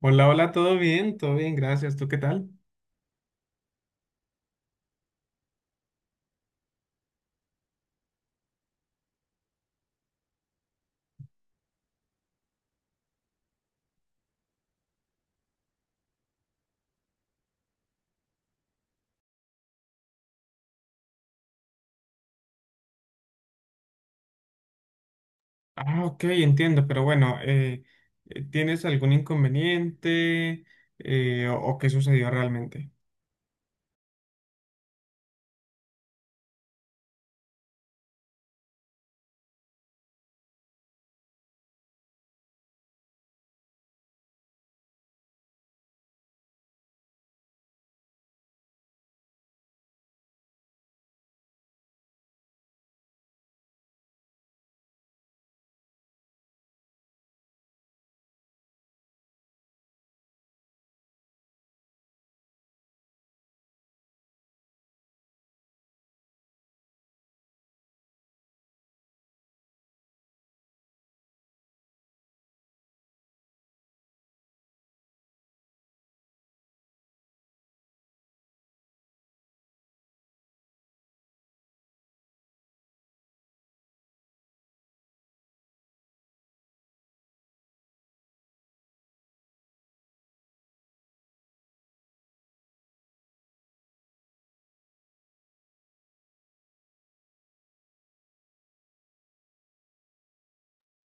Hola, hola, ¿todo bien? Todo bien, gracias. ¿Tú qué tal? Ah, ok, entiendo, pero bueno, ¿tienes algún inconveniente o qué sucedió realmente?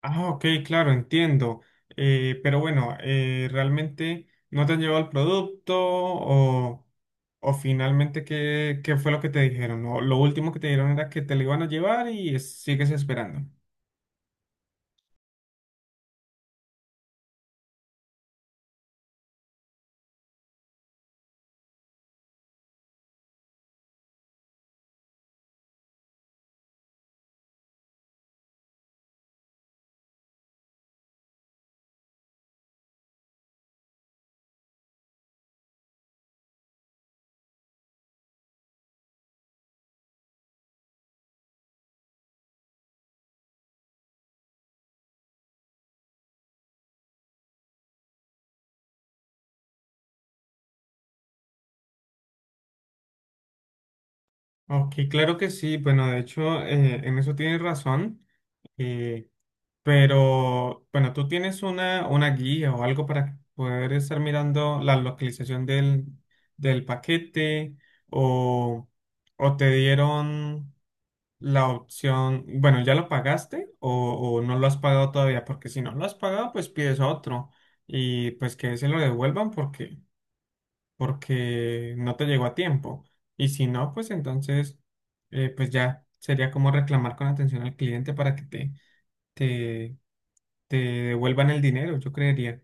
Ah, ok, claro, entiendo. Pero bueno, ¿realmente no te han llevado el producto o finalmente qué fue lo que te dijeron? O lo último que te dijeron era que te lo iban a llevar y sigues esperando. Ok, claro que sí. Bueno, de hecho, en eso tienes razón. Eh, Pero bueno, tú tienes una guía o algo para poder estar mirando la localización del paquete o, o te dieron la opción, bueno, ¿ya lo pagaste o no lo has pagado todavía? Porque si no lo has pagado, pues pides otro y pues que se lo devuelvan porque no te llegó a tiempo. Y si no, pues entonces, pues ya sería como reclamar con atención al cliente para que te, te devuelvan el dinero, yo creería.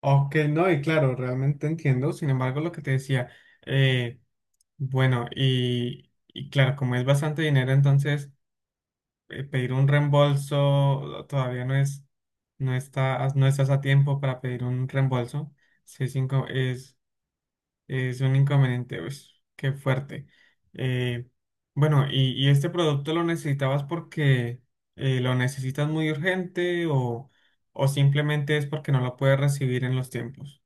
Ok, no, y claro, realmente entiendo. Sin embargo, lo que te decía, eh, bueno, y claro, como es bastante dinero, entonces pedir un reembolso todavía no es, no está, no estás a tiempo para pedir un reembolso. Sí, es, es es un inconveniente, pues, qué fuerte. Eh, bueno, y este producto lo necesitabas porque lo necesitas muy urgente o simplemente es porque no lo puedes recibir en los tiempos?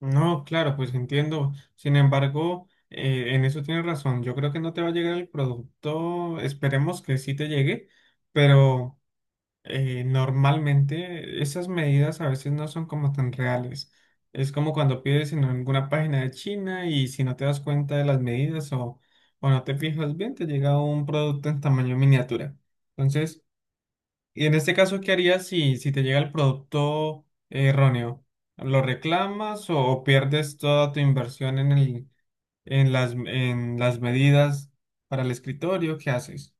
No, claro, pues entiendo. Sin embargo, en eso tienes razón. Yo creo que no te va a llegar el producto. Esperemos que sí te llegue, pero normalmente esas medidas a veces no son como tan reales. Es como cuando pides en alguna página de China y si no te das cuenta de las medidas o no te fijas bien, te llega un producto en tamaño miniatura. Entonces, y en este caso, ¿qué harías si te llega el producto erróneo? ¿Lo reclamas o pierdes toda tu inversión en las medidas para el escritorio? ¿Qué haces?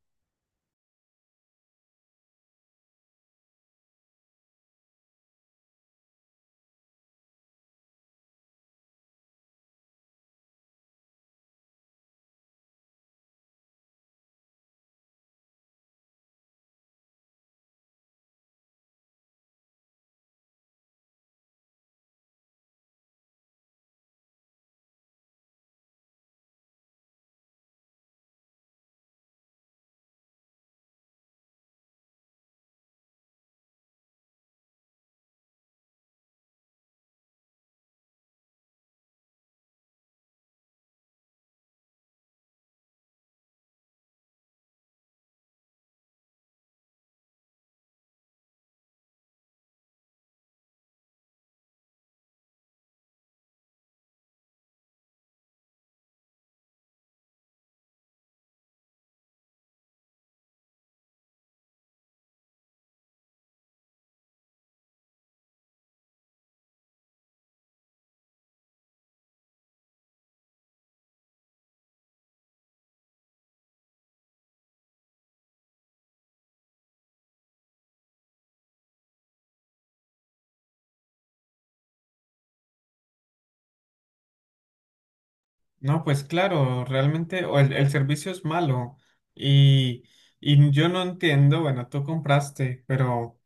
No, pues claro, realmente o el servicio es malo y, y yo no entiendo, bueno, tú compraste,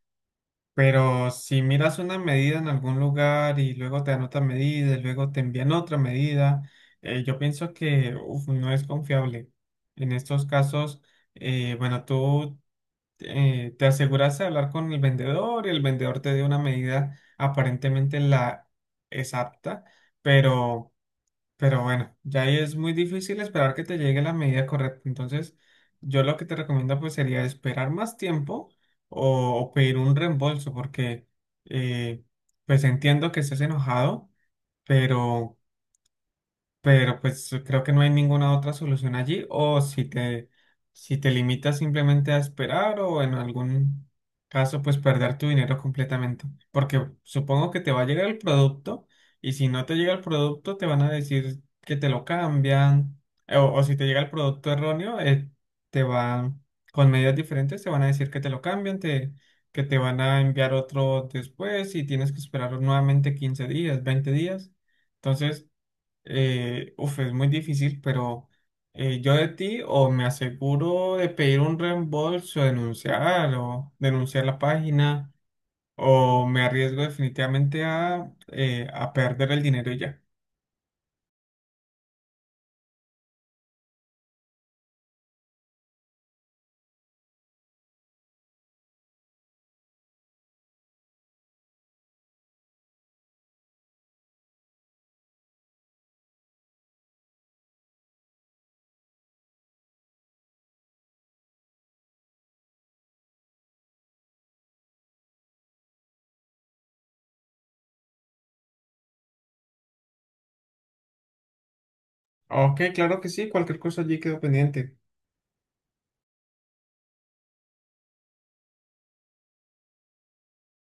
pero si miras una medida en algún lugar y luego te dan otra medida, y luego te envían otra medida, yo pienso que uf, no es confiable. En estos casos, bueno, tú te aseguras de hablar con el vendedor y el vendedor te dio una medida aparentemente la exacta, pero... Pero bueno, ya ahí es muy difícil esperar que te llegue la medida correcta. Entonces, yo lo que te recomiendo pues sería esperar más tiempo o pedir un reembolso porque eh, pues entiendo que estés enojado, pero pero pues creo que no hay ninguna otra solución allí, o si si te limitas simplemente a esperar o en algún caso pues perder tu dinero completamente, porque supongo que te va a llegar el producto y si no te llega el producto te van a decir que te lo cambian, o si te llega el producto erróneo, te van, con medidas diferentes te van a decir que te lo cambian, que te van a enviar otro después y tienes que esperar nuevamente 15 días, 20 días. Entonces, uf, es muy difícil, pero yo de ti o me aseguro de pedir un reembolso, denunciar o denunciar la página, o me arriesgo definitivamente a perder el dinero y ya. Ok, claro que sí, cualquier cosa allí quedo pendiente.